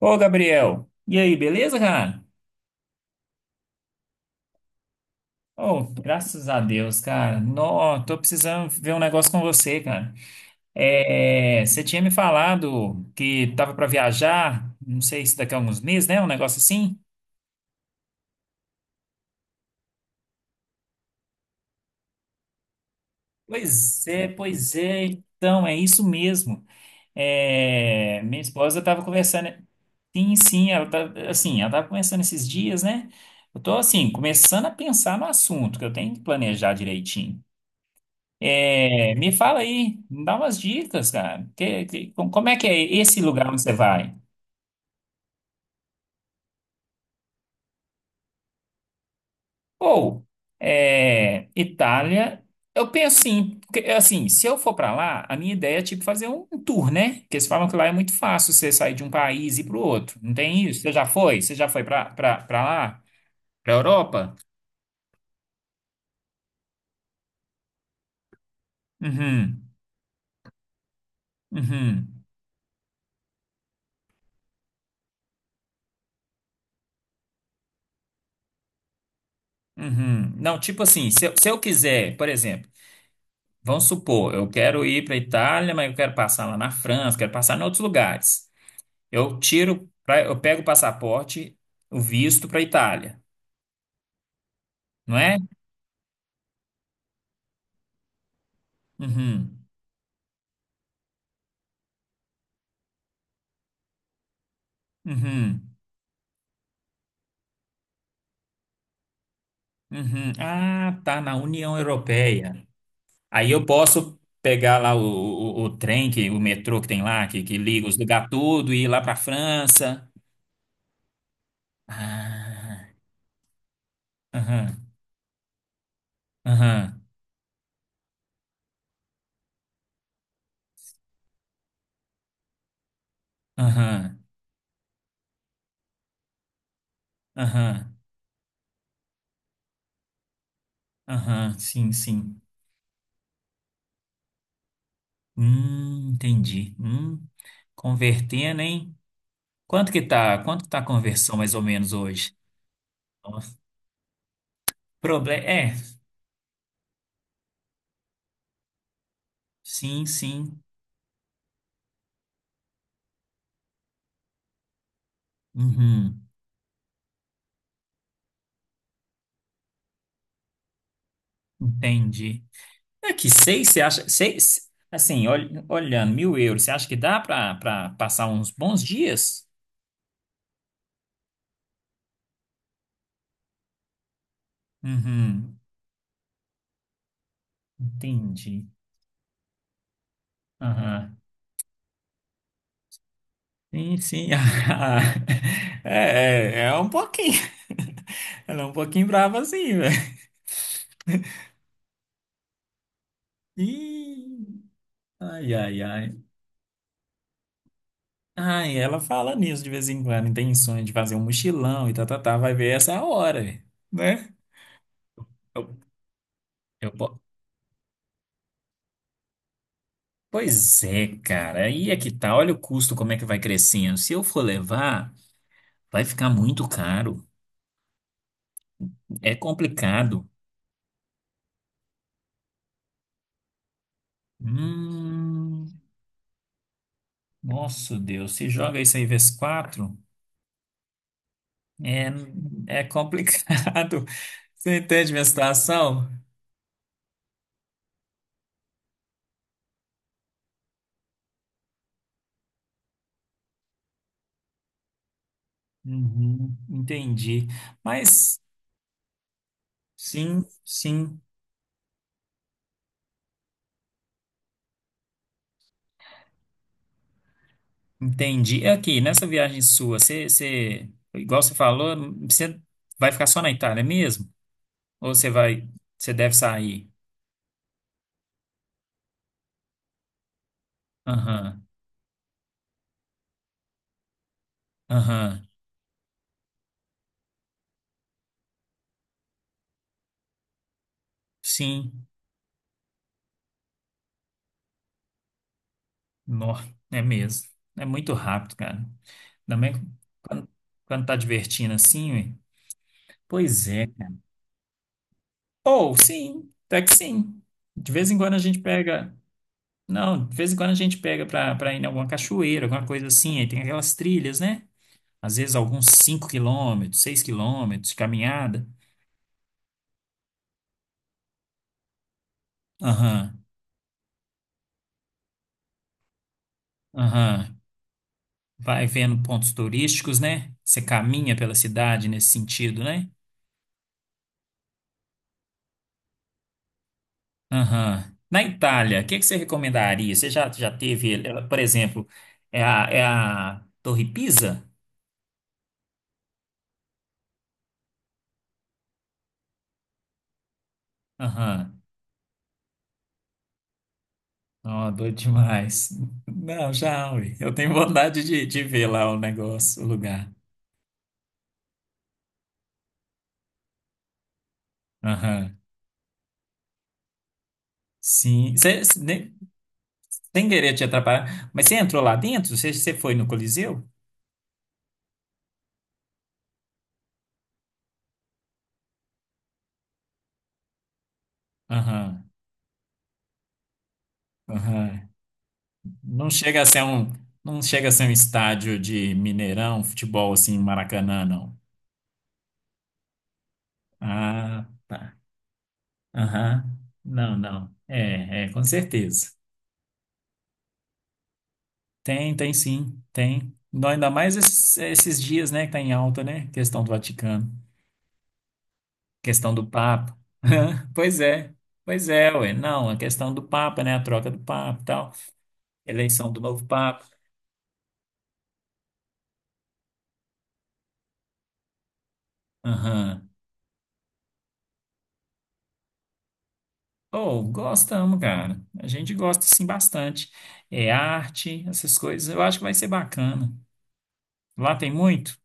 Ô, Gabriel, e aí, beleza, cara? Oh, graças a Deus, cara. Nó, tô precisando ver um negócio com você, cara. É, você tinha me falado que tava pra viajar, não sei se daqui a alguns meses, né? Um negócio assim. Pois é, pois é. Então, é isso mesmo. É, minha esposa tava conversando. Sim, sim, ela tava conversando esses dias, né? Eu tô, assim, começando a pensar no assunto, que eu tenho que planejar direitinho. É, me fala aí, me dá umas dicas, cara. Como é que é esse lugar onde você vai? Ou, Itália, eu penso assim, porque, assim, se eu for pra lá, a minha ideia é tipo fazer um tour, né? Porque eles falam que lá é muito fácil você sair de um país e ir pro outro. Não tem isso? Você já foi? Você já foi pra lá? Pra Europa? Uhum, uhum, uhum. Não, tipo assim, se eu quiser, por exemplo. Vamos supor, eu quero ir para a Itália, mas eu quero passar lá na França, quero passar em outros lugares. Eu pego o passaporte, o visto para a Itália, não é? Uhum, uhum, uhum. Ah, tá na União Europeia. Aí eu posso pegar lá o trem, o metrô que tem lá, que liga os lugares tudo, e ir lá para a França. Ah, aham, aham, aham, aham, aham, sim, sim. Entendi. Convertendo, hein? Quanto que tá a conversão mais ou menos hoje? Problema. É, sim, sim. Uhum, entendi. É que seis, você acha? Seis, assim, olhando, € 1.000, você acha que dá para passar uns bons dias? Uhum, entendi. Aham. Sim, sim. É um pouquinho. Ela é um pouquinho brava assim, velho. Ih. Ai, ai, ai. Ai, ela fala nisso de vez em quando, tem sonho de fazer um mochilão e tá, tá, tá, vai ver essa hora, né? Eu, eu, po- pois é, cara, aí é que tá, olha o custo, como é que vai crescendo. Se eu for levar, vai ficar muito caro, é complicado. Hum, nossa Deus, se joga isso aí vezes quatro, é, é complicado. Você entende minha situação? Uhum, entendi. Mas, sim, sim. Entendi. E aqui, nessa viagem sua, igual você falou, você vai ficar só na Itália mesmo? Ou você vai, você deve sair? Aham, aham. Sim, nó, é mesmo. É muito rápido, cara. Também quando, quando tá divertindo assim, ué. Pois é. Ou sim, até que sim. De vez em quando a gente pega. Não, de vez em quando a gente pega pra ir em alguma cachoeira, alguma coisa assim. Aí tem aquelas trilhas, né? Às vezes alguns 5 km, 6 km de caminhada. Aham, aham. Vai vendo pontos turísticos, né? Você caminha pela cidade nesse sentido, né? Aham. Na Itália, o que que você recomendaria? Você já teve, por exemplo, é a Torre Pisa? Aham. Ó, doido demais. Não, já, ui, eu tenho vontade de, ver lá o negócio, o lugar. Aham. Sim. Sem querer te atrapalhar. Mas você entrou lá dentro? Você foi no Coliseu? Aham, aham. Não chega a ser um, Não chega a ser um estádio de Mineirão, futebol assim, Maracanã, não. Ah, tá. Aham. Não, não. É, com certeza. Tem, tem sim, tem. Não, ainda mais esses dias, né, que tá em alta, né? Questão do Vaticano, questão do Papa. Pois é, pois é, ué. Não, a questão do Papa, né? A troca do Papa e tal, eleição do novo Papa. Aham. Oh, gostamos, cara. A gente gosta, sim, bastante. É arte, essas coisas. Eu acho que vai ser bacana. Lá tem muito?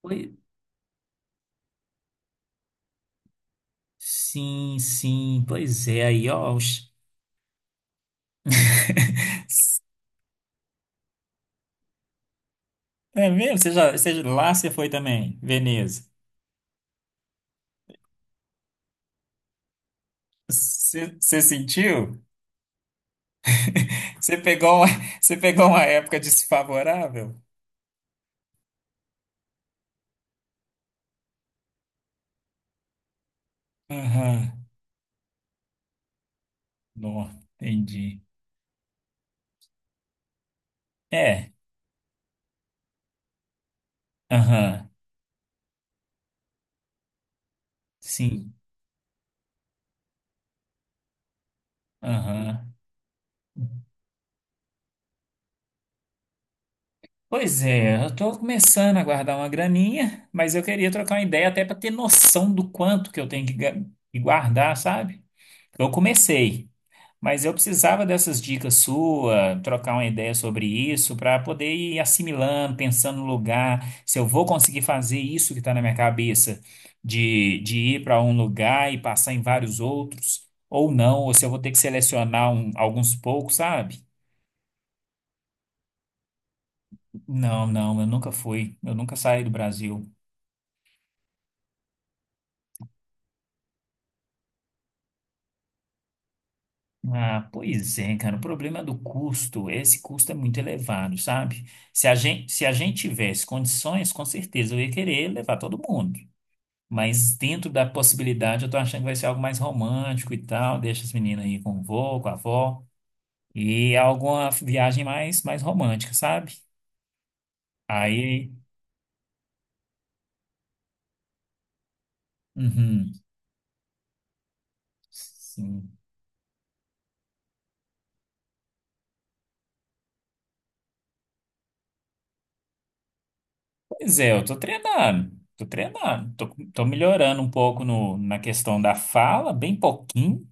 Pois- Sim, sim. Pois é, aí, ó. É mesmo? Lá você foi também, Veneza. Você sentiu? Você pegou uma, Você pegou uma época desfavorável? Aham. Não, entendi. É, aham. Sim, aham. Pois é, eu tô começando a guardar uma graninha, mas eu queria trocar uma ideia até para ter noção do quanto que eu tenho que que guardar, sabe? Eu comecei, mas eu precisava dessas dicas suas, trocar uma ideia sobre isso, para poder ir assimilando, pensando no lugar, se eu vou conseguir fazer isso que está na minha cabeça, de, ir para um lugar e passar em vários outros, ou não, ou se eu vou ter que selecionar alguns poucos, sabe? Não, não, eu nunca saí do Brasil. Ah, pois é, cara. O problema do custo, esse custo é muito elevado, sabe? Se a gente tivesse condições, com certeza eu ia querer levar todo mundo. Mas dentro da possibilidade, eu tô achando que vai ser algo mais romântico e tal. Deixa as meninas aí com o vô, com a avó. E alguma viagem mais romântica, sabe? Aí. Uhum, sim. Pois é, eu tô treinando. Tô treinando. Tô melhorando um pouco no, na questão da fala, bem pouquinho.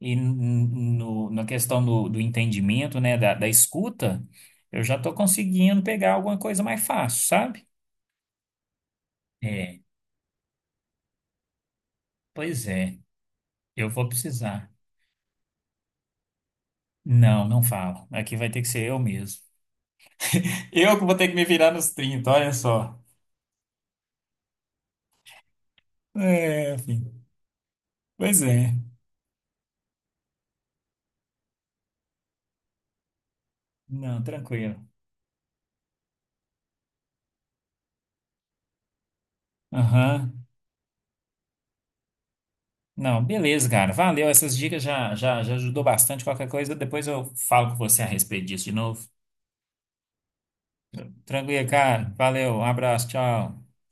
E na questão do, entendimento, né, da, escuta, eu já estou conseguindo pegar alguma coisa mais fácil, sabe? É, pois é, eu vou precisar. Não, não falo. Aqui vai ter que ser eu mesmo. Eu que vou ter que me virar nos 30, olha só. É, enfim. Pois é. Não, tranquilo. Aham. Não, beleza, cara. Valeu. Essas dicas já ajudou bastante. Qualquer coisa, depois eu falo com você a respeito disso de novo. Tranquilo, cara. Valeu. Um abraço. Tchau.